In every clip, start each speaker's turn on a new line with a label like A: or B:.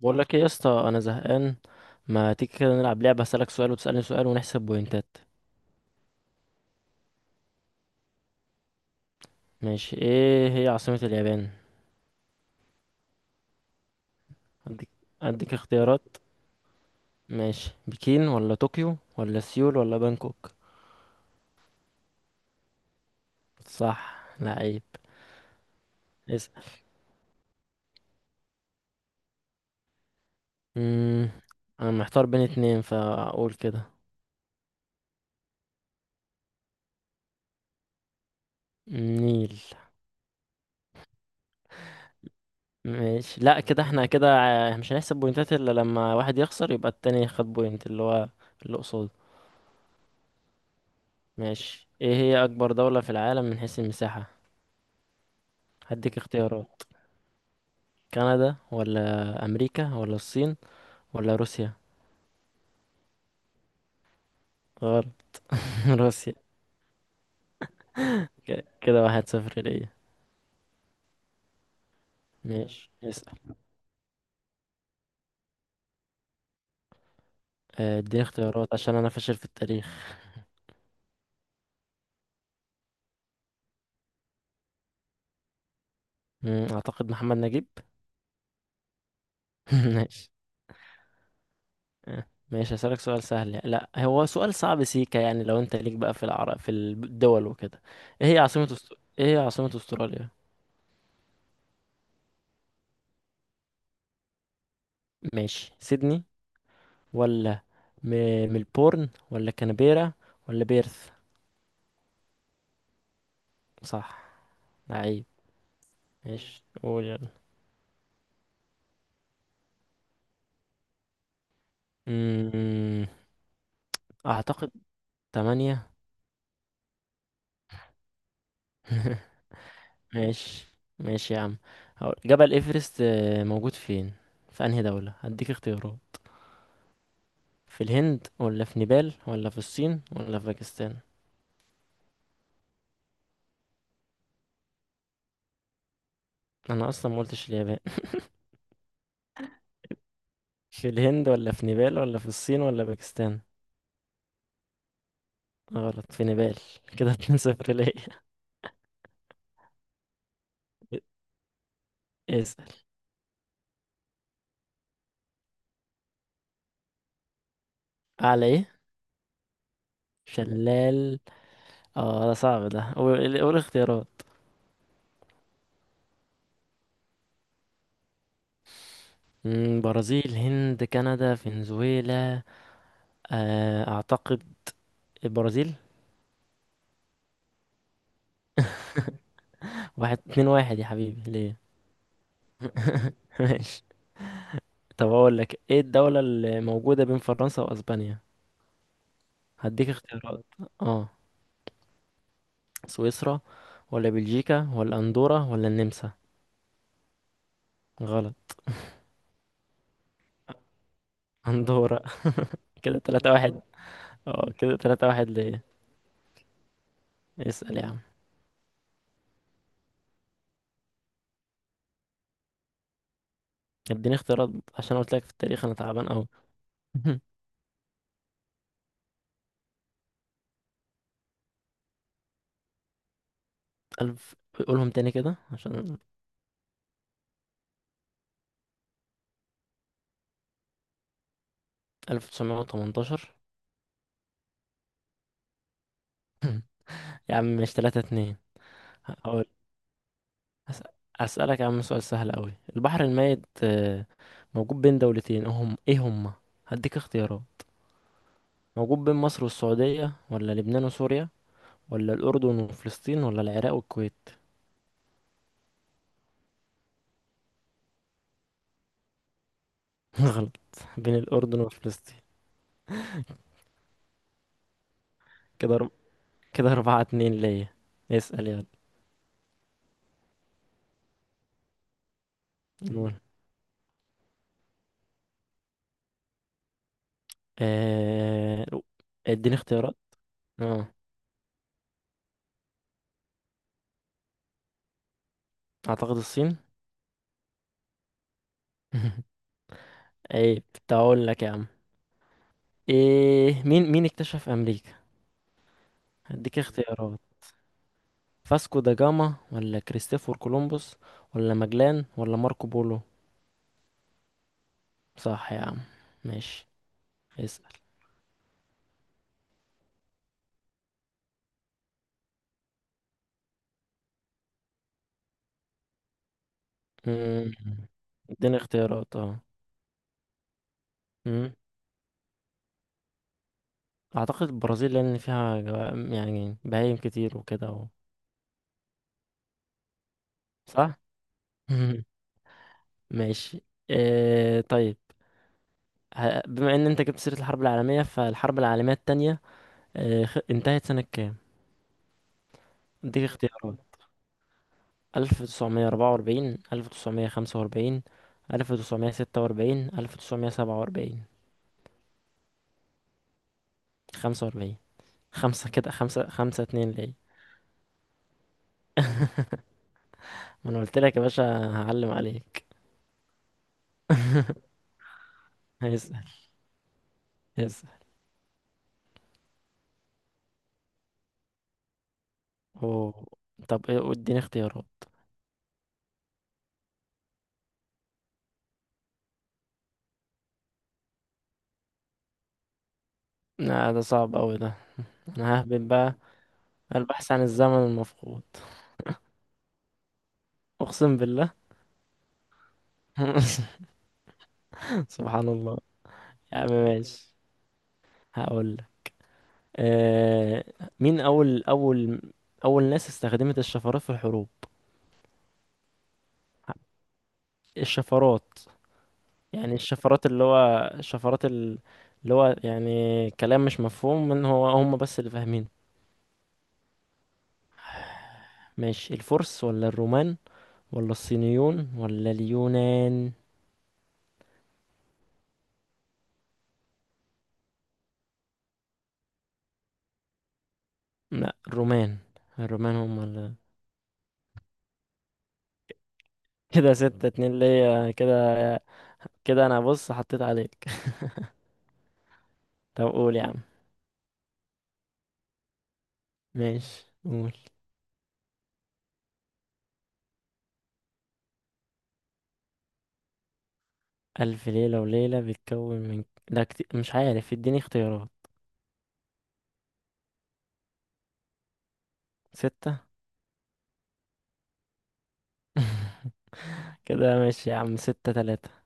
A: بقول لك ايه يا اسطى، انا زهقان. ما تيجي كده نلعب لعبه؟ هسألك سؤال وتسألني سؤال ونحسب بوينتات. ماشي، ايه هي عاصمة اليابان؟ اديك اديك اختيارات. ماشي، بكين ولا طوكيو ولا سيول ولا بانكوك؟ صح، لعيب. اسأل. امم انا محتار بين اتنين، فاقول كده. نيل. ماشي، لا، كده احنا كده مش هنحسب بوينتات الا لما واحد يخسر، يبقى التاني خد بوينت اللي هو اللي قصاده. ماشي، ايه هي اكبر دولة في العالم من حيث المساحة؟ هديك اختيارات. كندا ولا امريكا ولا الصين ولا روسيا؟ غلط. روسيا. كده 1-0 ليا. ماشي اسأل. اديني اختيارات عشان انا فاشل في التاريخ. اعتقد محمد نجيب. ماشي. ماشي، هسألك سؤال سهل، لا هو سؤال صعب سيكا، يعني لو انت ليك بقى في العرب في الدول وكده. ايه هي عاصمة ايه هي عاصمة استراليا؟ ماشي، سيدني ولا م... ملبورن ولا كانبيرا ولا بيرث؟ صح، لعيب. ماشي قول يلا. أمم، اعتقد 8. ماشي. ماشي يا عم، هقول جبل ايفرست موجود فين؟ في انهي دولة؟ هديك اختيارات. في الهند ولا في نيبال ولا في الصين ولا في باكستان؟ انا اصلا ما قلتش اليابان. في الهند ولا في نيبال ولا في الصين ولا باكستان؟ غلط، في نيبال. كده 2-0 ليا. اسأل. أعلى إيه؟ شلال. اه ده صعب ده، قول قول اختيارات. برازيل، هند، كندا، فنزويلا. اعتقد البرازيل. واحد اتنين واحد يا حبيبي ليه؟ ماشي. طب اقول لك، ايه الدولة اللي موجودة بين فرنسا واسبانيا؟ هديك اختيارات. اه، سويسرا ولا بلجيكا ولا اندورا ولا النمسا؟ غلط، اندورا. كده 3-1. اه كده 3-1 ليه. اسأل يا عم. اديني اختيارات عشان قلت لك في التاريخ انا تعبان اوي. ألف. قولهم تاني كده عشان. 1918. يا عم مش تلاتة، اتنين. أس- أسألك يا عم سؤال سهل أوي، البحر الميت موجود بين دولتين، هم إيه هما؟ هديك اختيارات. موجود بين مصر والسعودية، ولا لبنان وسوريا، ولا الأردن وفلسطين، ولا العراق والكويت؟ غلط، بين الأردن وفلسطين. كده كده 4-2 ليا. اسأل يلا. نقول. آه، اديني اختيارات. اه، أعتقد الصين. عيب، كنت هقول لك يا عم. ايه مين اكتشف أمريكا؟ هديك اختيارات. فاسكو دا جاما، ولا كريستوفر كولومبوس، ولا ماجلان، ولا ماركو بولو؟ صح يا عم. ماشي اسأل. مم. اديني اختيارات اه. مم. اعتقد البرازيل، لان فيها يعني بهايم كتير وكده صح. مم. ماشي. آه طيب. بما ان انت جبت سيرة الحرب العالمية، فالحرب العالمية التانية انتهت سنة كام؟ اديك اختيارات. 1944، 1945، 1946، 1947. 1945. خمسة، كده خمسة، 5-2 ليه. ما أنا قلت لك يا باشا هعلم عليك. هيسأل هيسأل. أوه. طب إيه، اديني اختيارات. لا ده صعب أوي ده. أنا ههبط بقى. البحث عن الزمن المفقود. أقسم بالله. سبحان الله. يا عم ماشي، هقول لك آه... مين أول ناس استخدمت الشفرات في الحروب؟ الشفرات يعني. الشفرات اللي هو، الشفرات اللي هو يعني كلام مش مفهوم من هو هم، بس اللي فاهمينه. ماشي، الفرس ولا الرومان ولا الصينيون ولا اليونان؟ لا، الرومان. الرومان هم اللي. كده 6-2 ليا كده. كده انا بص حطيت عليك. طب قول يا عم. ماشي قول. ألف ليلة وليلة بيتكون من، ده كتير مش عارف، اديني اختيارات. ستة. كده ماشي يا عم، 6-3.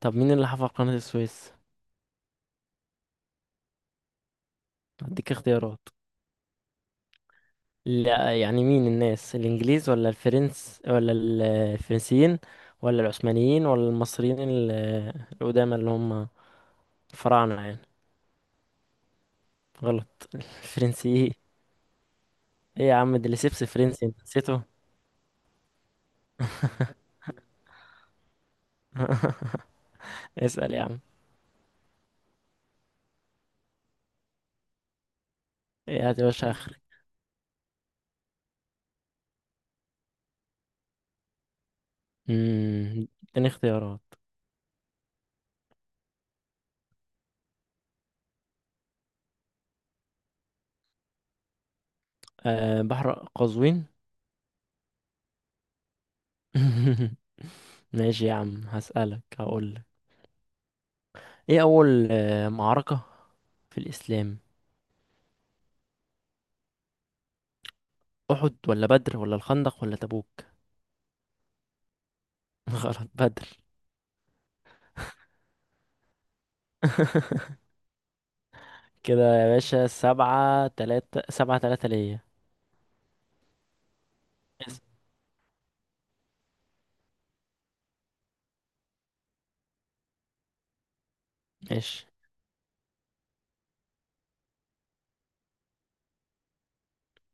A: طب مين اللي حفر قناة السويس؟ هديك اختيارات. لا، يعني مين الناس، الانجليز، ولا الفرنس، ولا الفرنسيين، ولا العثمانيين، ولا المصريين القدامى، اللي هم الفراعنة يعني؟ غلط. الفرنسيين. ايه يا عم، اللي سيبس فرنسي انت نسيته. اسأل يا عم. ايه، هات يا باشا اخرك. اديني اختيارات. أه، بحر قزوين. ماشي يا عم، هسألك هقولك. ايه اول معركة في الاسلام؟ احد ولا بدر ولا الخندق ولا تبوك؟ غلط، بدر. كده يا باشا، 7-3، 7-3 ليا. اس- ماشي.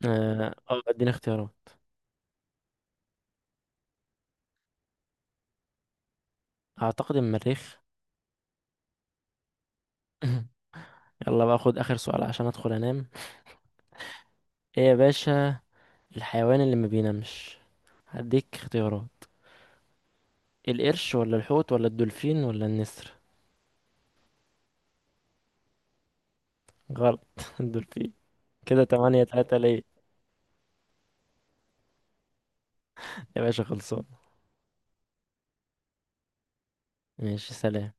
A: اه. اديني اختيارات. اعتقد المريخ. يلا بقى، خد اخر سؤال عشان ادخل انام. ايه يا باشا الحيوان اللي ما بينامش؟ هديك اختيارات. القرش، ولا الحوت، ولا الدولفين، ولا النسر؟ غلط. الدولفين. كده 8-3 ليا. يا باشا خلصان. ماشي سلام.